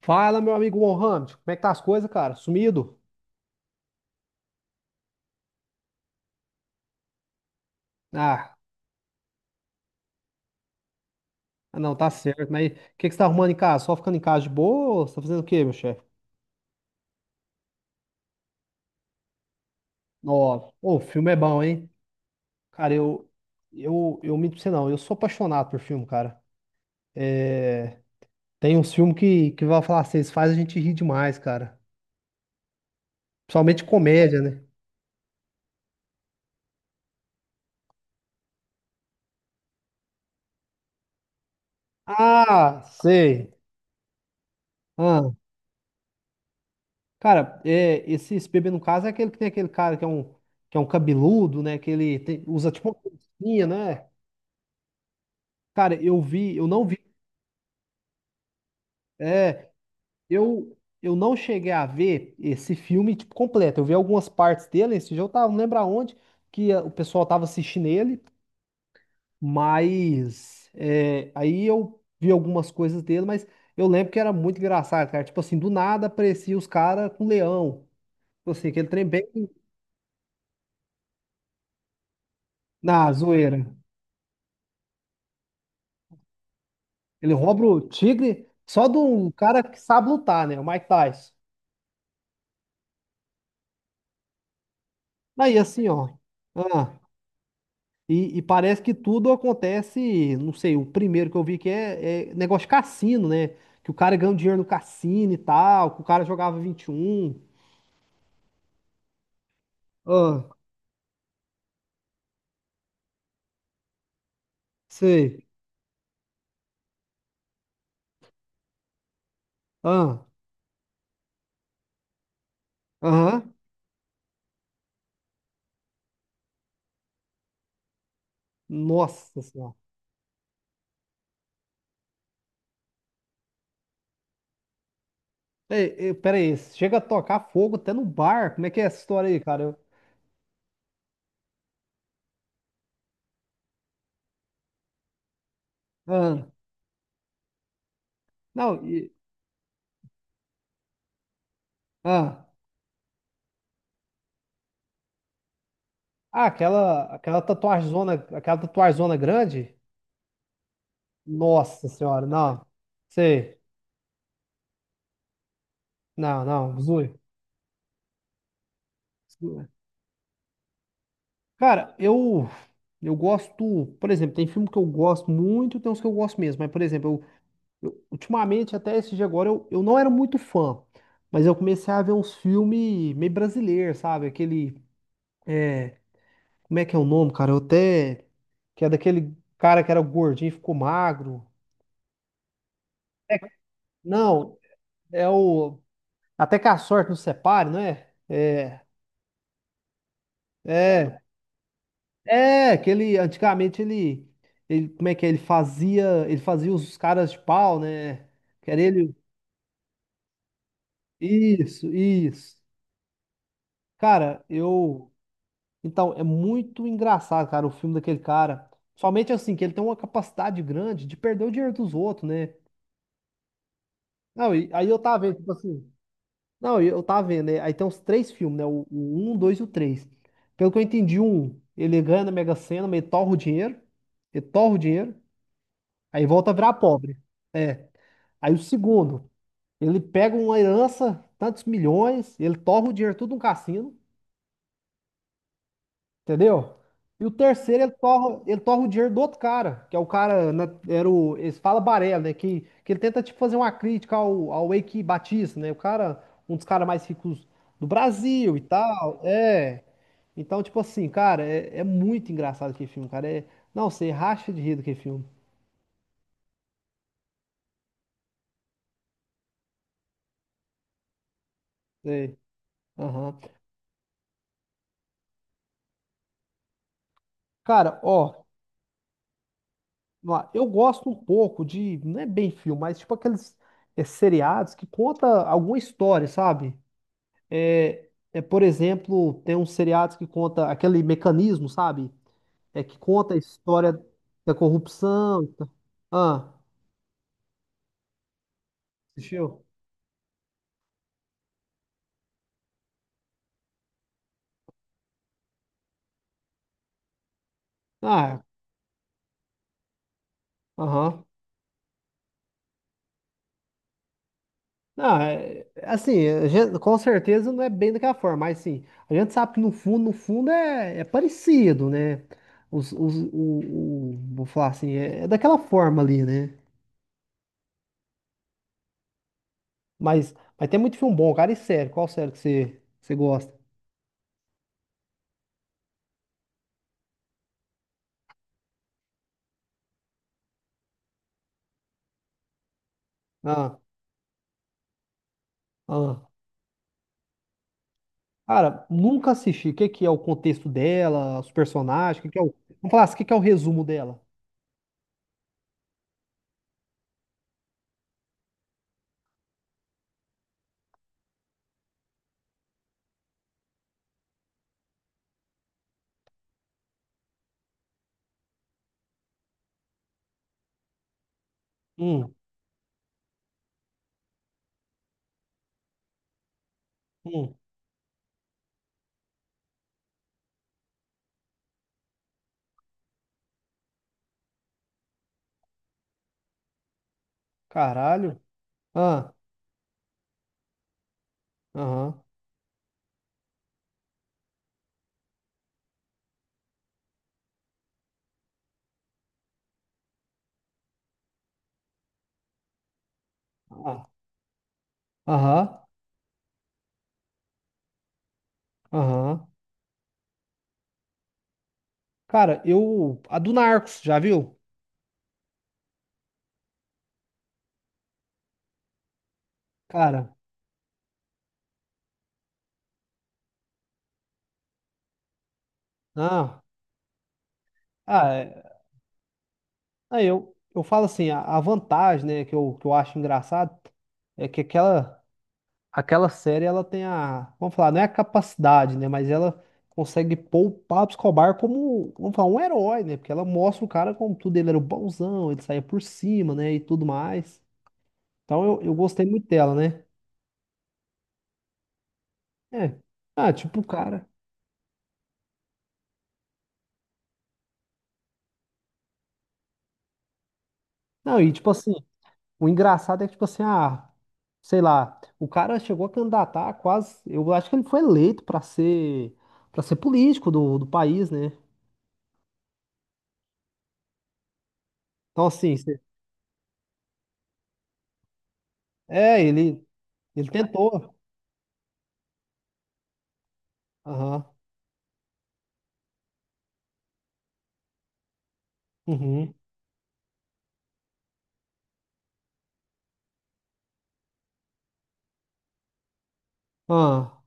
Fala, meu amigo Mohamed, como é que tá as coisas, cara? Sumido? Ah, não, tá certo, mas o que que você tá arrumando em casa? Só ficando em casa de boa? Ou você tá fazendo o quê, meu chefe? Ó, o filme é bom, hein? Cara, eu minto pra você não, eu sou apaixonado por filme, cara. Tem uns filmes que vai falar assim, eles faz a gente rir demais, cara. Principalmente comédia, né? Ah, sei. Ah, cara, esse bebê no caso é aquele que tem aquele cara que é um cabeludo, né? Que ele usa tipo uma coisinha, né? Cara, eu vi, eu não vi. É, eu, eu não cheguei a ver esse filme tipo, completo. Eu vi algumas partes dele, esse dia eu tava, não lembro aonde, que o pessoal tava assistindo ele, mas aí eu vi algumas coisas dele, mas eu lembro que era muito engraçado, cara. Tipo assim, do nada aparecia os caras com leão. Tipo assim, aquele trem bem na zoeira. Ele rouba o tigre só de um cara que sabe lutar, né? O Mike Tyson. Aí assim, ó. Ah. E parece que tudo acontece, não sei, o primeiro que eu vi que é negócio de cassino, né? Que o cara ganha um dinheiro no cassino e tal, que o cara jogava 21. Ah, sei. Ah, aham. Nossa senhora. Ei, ei, pera aí, chega a tocar fogo até no bar. Como é que é essa história aí, cara? Ah, não, ah, ah, aquela, aquela tatuagem aquela tatuagem grande? Nossa senhora, não. Sei. Não, não, Zui. Cara, eu gosto, por exemplo, tem filme que eu gosto muito, tem uns que eu gosto mesmo, mas por exemplo, ultimamente até esse dia agora eu não era muito fã, mas eu comecei a ver uns filmes meio brasileiros, sabe? Aquele é, como é que é o nome, cara? Eu até que é daquele cara que era gordinho e ficou magro. Não, é o Até que a Sorte nos Separe, não é? É, é. É, que ele antigamente ele como é que é? Ele fazia os caras de pau, né? Que era ele. Isso, isso. Cara, eu então é muito engraçado, cara, o filme daquele cara. Somente assim que ele tem uma capacidade grande de perder o dinheiro dos outros, né? Não, e aí eu tava vendo, tipo assim, não, e eu tava vendo, né? Aí tem uns três filmes, né? O um, dois e o três. Pelo que eu entendi, o um, ele ganha na Mega Sena, mas ele torra o dinheiro, aí volta a virar pobre. É. Aí o segundo, ele pega uma herança, tantos milhões, ele torra o dinheiro tudo no cassino, entendeu? E o terceiro, ele torra o dinheiro do outro cara, que é o cara, né, era o, eles falam Barela, né? Que ele tenta, tipo, fazer uma crítica ao Eike Batista, né? O cara, um dos caras mais ricos do Brasil e tal, é. Então, tipo assim, cara, é muito engraçado aquele filme, cara. Não, você racha de rir do que filme. É, aham. Cara, ó. Vamos lá. Eu gosto um pouco de, não é bem filme, mas tipo aqueles, seriados que conta alguma história, sabe? Por exemplo, tem uns seriados que conta aquele mecanismo, sabe? É que conta a história da corrupção. Tá? Ah, assistiu? Ah, aham. Ah, é- assim, a gente- com certeza não é bem daquela forma, mas sim, a gente sabe que no fundo, no fundo é parecido, né? Os, o- vou falar assim, é é daquela forma ali, né? Mas tem muito filme bom, cara. E sério, qual sério que você gosta? Ah, ah. Cara, nunca assisti. O que que é o contexto dela, os personagens, o que que é o... Vamos falar assim, o que que é o resumo dela? Hum, hum, caralho. Ah, aham, ah, aham, aham. Cara, a do Narcos, já viu? Cara, ah, ah, é- eu falo assim, a vantagem, né, que que eu acho engraçado é que aquela... Aquela série ela tem a, vamos falar, não é a capacidade, né? Mas ela consegue pôr o Pablo Escobar como, vamos falar, um herói, né? Porque ela mostra o cara como tudo, ele era o bonzão, ele saía por cima, né? E tudo mais. Então eu gostei muito dela, né? É. Ah, tipo, o cara. Não, e tipo assim, o engraçado é que, tipo assim, ah, sei lá, o cara chegou a candidatar quase. Eu acho que ele foi eleito pra ser para ser político do país, né? Então, assim, cê- é, ele tentou. Aham. Uhum. Ah,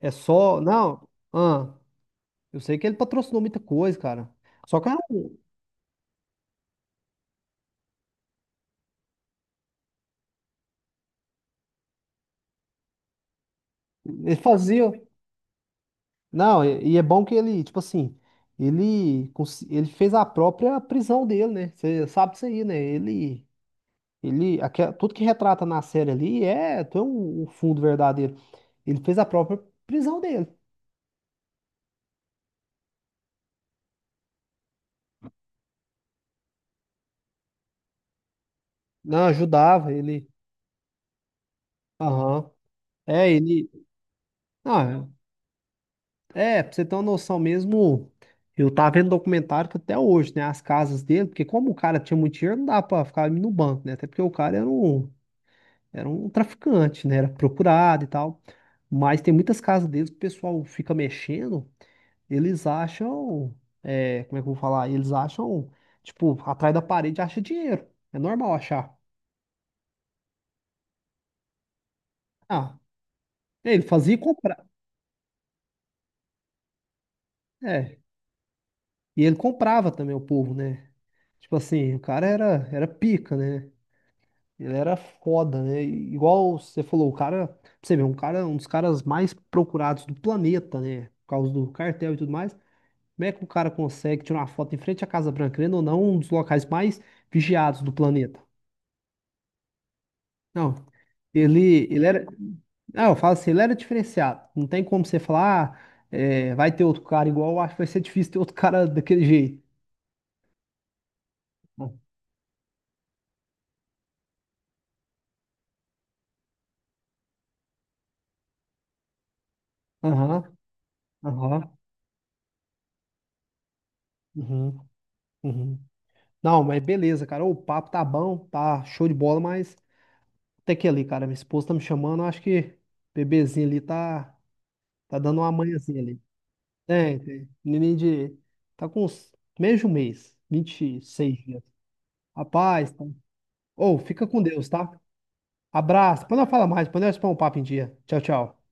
é só. Não, ah, eu sei que ele patrocinou muita coisa, cara. Só que ah, ele fazia. Não, e é bom que ele, tipo assim, ele fez a própria prisão dele, né? Você sabe disso aí, né? Tudo que retrata na série ali tem um fundo verdadeiro. Ele fez a própria prisão dele. Não, ajudava ele. Aham. É, ele. Ah, é. É, pra você ter uma noção mesmo, eu tava vendo documentário que até hoje, né? As casas dele, porque como o cara tinha muito dinheiro, não dava pra ficar no banco, né? Até porque o cara era um traficante, né? Era procurado e tal. Mas tem muitas casas deles que o pessoal fica mexendo, eles acham, é, como é que eu vou falar? Eles acham, tipo, atrás da parede acha dinheiro. É normal achar. Ah, ele fazia e comprava. É, e ele comprava também o povo, né? Tipo assim, o cara era, era pica, né? Ele era foda, né? E igual você falou, o cara, pra você ver, um cara, um dos caras mais procurados do planeta, né? Por causa do cartel e tudo mais. Como é que o cara consegue tirar uma foto em frente à Casa Branca, querendo ou não, um dos locais mais vigiados do planeta? Não, ele era. Não, eu falo assim, ele era diferenciado. Não tem como você falar, ah, é, vai ter outro cara igual, eu acho que vai ser difícil ter outro cara daquele jeito. Aham, aham, uhum, uhum. Não, mas beleza, cara. O papo tá bom, tá show de bola, mas. Até que ali, cara, minha esposa tá me chamando, acho que o bebezinho ali tá, tá dando uma manhãzinha ali. Tem, tem. Neném de. Tá com uns meio de um mês, 26 dias. Rapaz, tá... Ô, fica com Deus, tá? Abraço. Depois nós fala mais, depois nós põe um papo em dia. Tchau, tchau.